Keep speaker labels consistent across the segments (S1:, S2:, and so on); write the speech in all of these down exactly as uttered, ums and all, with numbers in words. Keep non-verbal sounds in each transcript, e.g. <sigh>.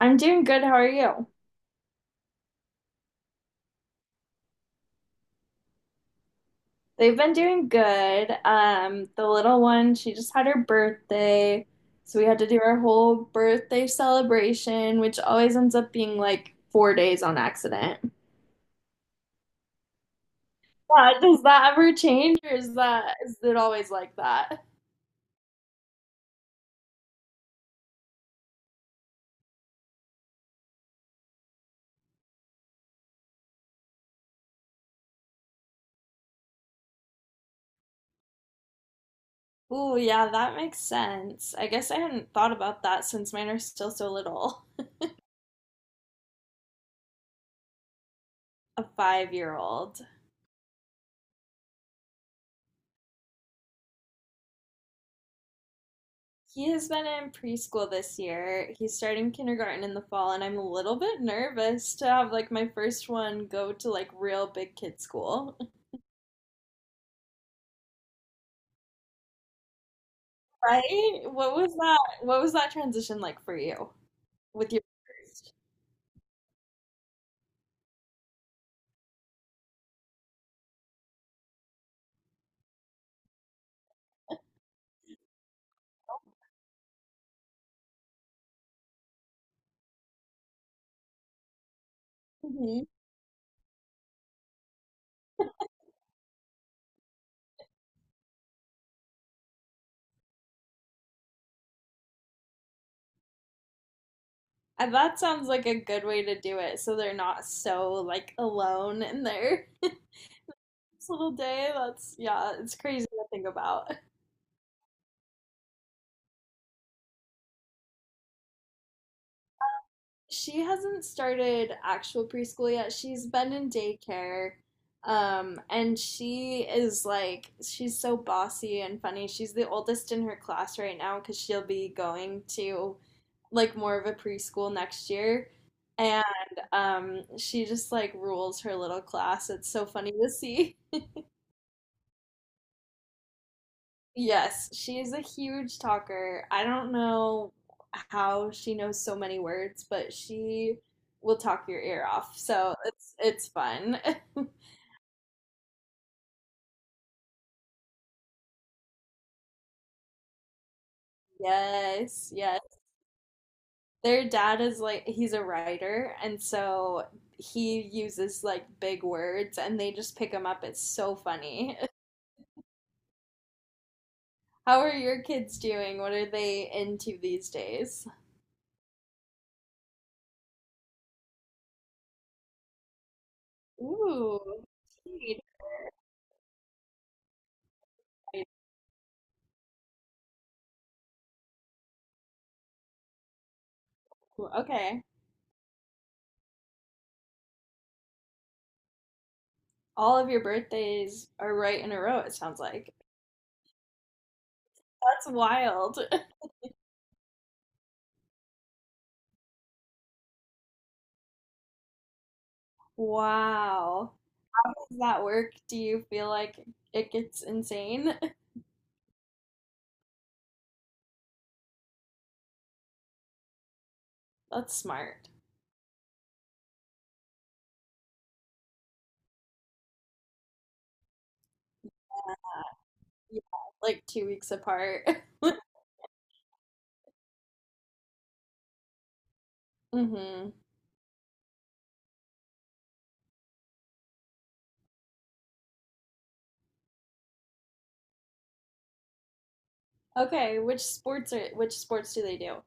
S1: I'm doing good. How are you? They've been doing good. Um, the little one, she just had her birthday, so we had to do our whole birthday celebration, which always ends up being like four days on accident. Yeah, does that ever change, or is that is it always like that? Ooh, yeah, that makes sense. I guess I hadn't thought about that since mine are still so little, a five-year-old. He has been in preschool this year. He's starting kindergarten in the fall, and I'm a little bit nervous to have like my first one go to like real big kid school. <laughs> Right? What was that? What was that transition like for you with your first. And that sounds like a good way to do it, so they're not so like alone in their <laughs> little day. That's, yeah, it's crazy to think about. She hasn't started actual preschool yet. She's been in daycare. Um, and she is like, she's so bossy and funny. She's the oldest in her class right now because she'll be going to like more of a preschool next year. And um, she just like rules her little class. It's so funny to see. Yes, she is a huge talker. I don't know how she knows so many words, but she will talk your ear off. So it's it's fun. <laughs> Yes, yes. Their dad is like he's a writer, and so he uses like big words and they just pick them up. It's so funny. <laughs> How are your kids doing? What are they into these days? Ooh, teen. Okay. All of your birthdays are right in a row, it sounds like. That's wild. Wow. How does that work? Do you feel like it gets insane? <laughs> That's smart. Yeah, like two weeks apart. <laughs> Hmm. Okay, which sports are which sports do they do?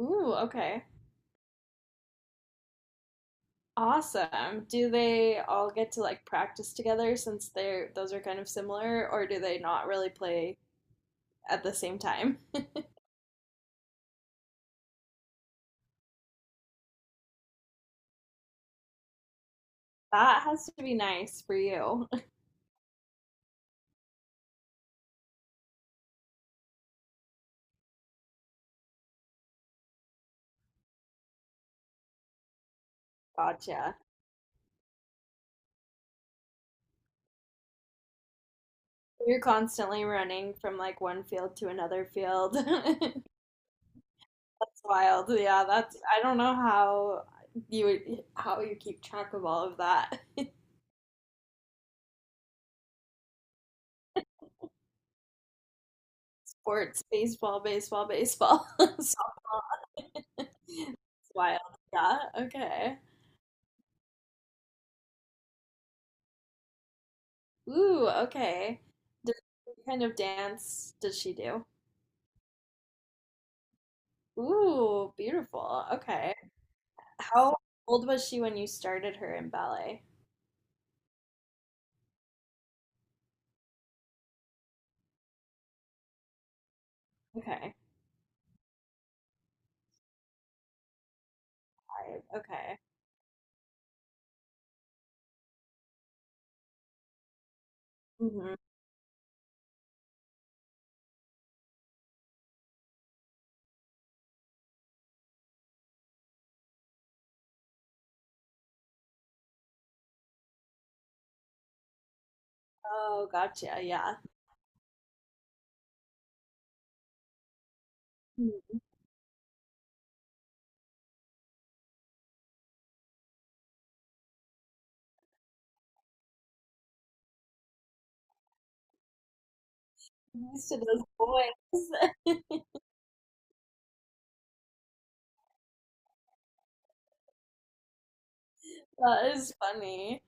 S1: Ooh, okay. Awesome. Do they all get to like practice together since they're those are kind of similar, or do they not really play at the same time? <laughs> That has to be nice for you. <laughs> Gotcha. You're constantly running from like one field to another field. <laughs> That's wild. Yeah, that's, I don't know how you would how you keep track of all of that. <laughs> Sports, baseball, baseball, baseball. <laughs> So, it's wild. Yeah. Okay. Ooh, okay. Does, what kind of dance does she do? Ooh, beautiful. Okay. How old was she when you started her in ballet? Okay. Five. Okay. Hmm. Oh, gotcha. Yeah. Mhm. Used to those boys. <laughs> That is funny.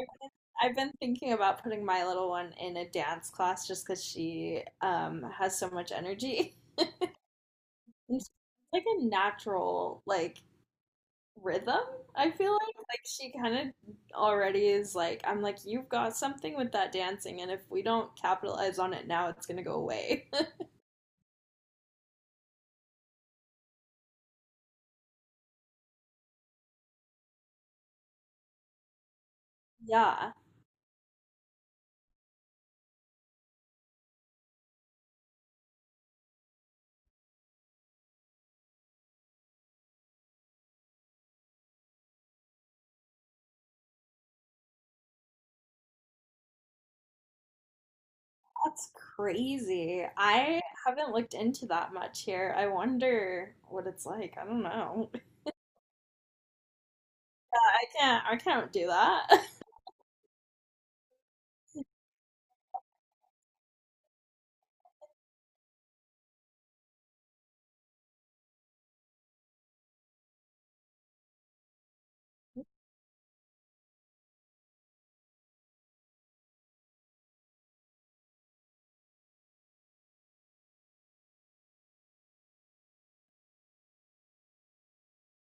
S1: I've been, I've been thinking about putting my little one in a dance class just because she um has so much energy. <laughs> And she's like a natural like rhythm, I feel like. Like she kind of already is like, I'm like, you've got something with that dancing, and if we don't capitalize on it now, it's gonna go away. <laughs> Yeah, that's crazy. I haven't looked into that much here. I wonder what it's like. I don't know. Can't I can't do that. <laughs>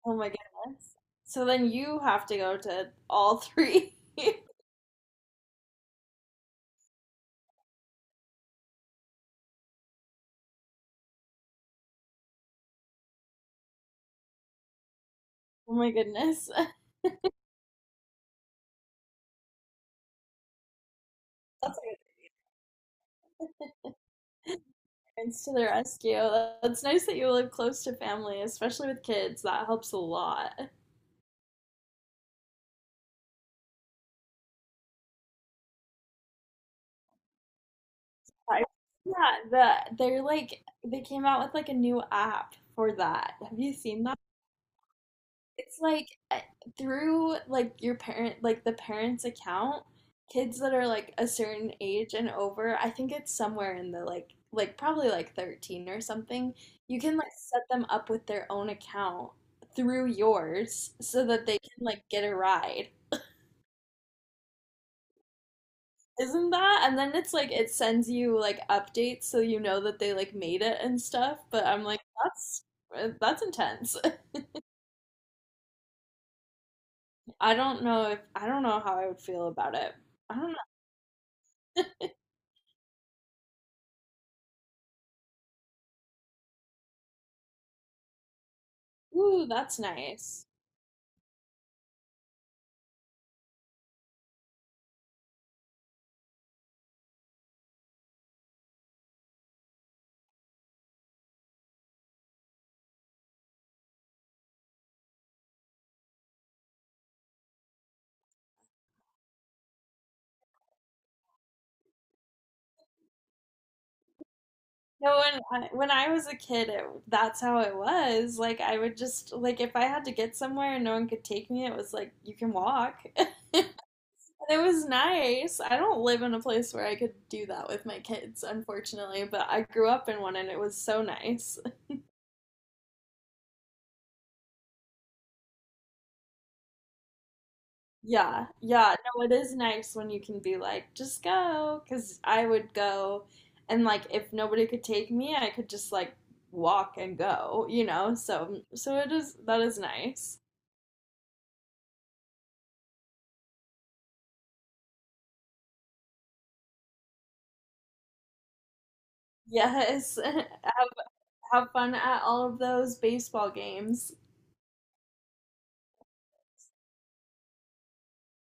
S1: Oh my goodness. So then you have to go to all three. <laughs> Oh my goodness. <laughs> That's like parents to the rescue. That's nice that you live close to family, especially with kids. That helps a lot. I- yeah, the they're like they came out with like a new app for that. Have you seen? It's like uh, through like your parent, like the parents' account, kids that are like a certain age and over, I think it's somewhere in the like like probably like thirteen or something. You can like set them up with their own account through yours so that they can like get a ride. Isn't that? And then it's like it sends you like updates so you know that they like made it and stuff, but I'm like that's, eh, that's intense. <laughs> I don't know if I don't know how I would feel about it. I don't know. Ooh, that's nice. No, when I, when I was a kid, it, that's how it was. Like I would just like if I had to get somewhere and no one could take me, it was like you can walk. <laughs> And it was nice. I don't live in a place where I could do that with my kids, unfortunately, but I grew up in one and it was so nice. <laughs> Yeah. Yeah, no, it is nice when you can be like just go, because I would go and like if nobody could take me, I could just like walk and go, you know? So so it is, that is nice. Yes. <laughs> Have have fun at all of those baseball games.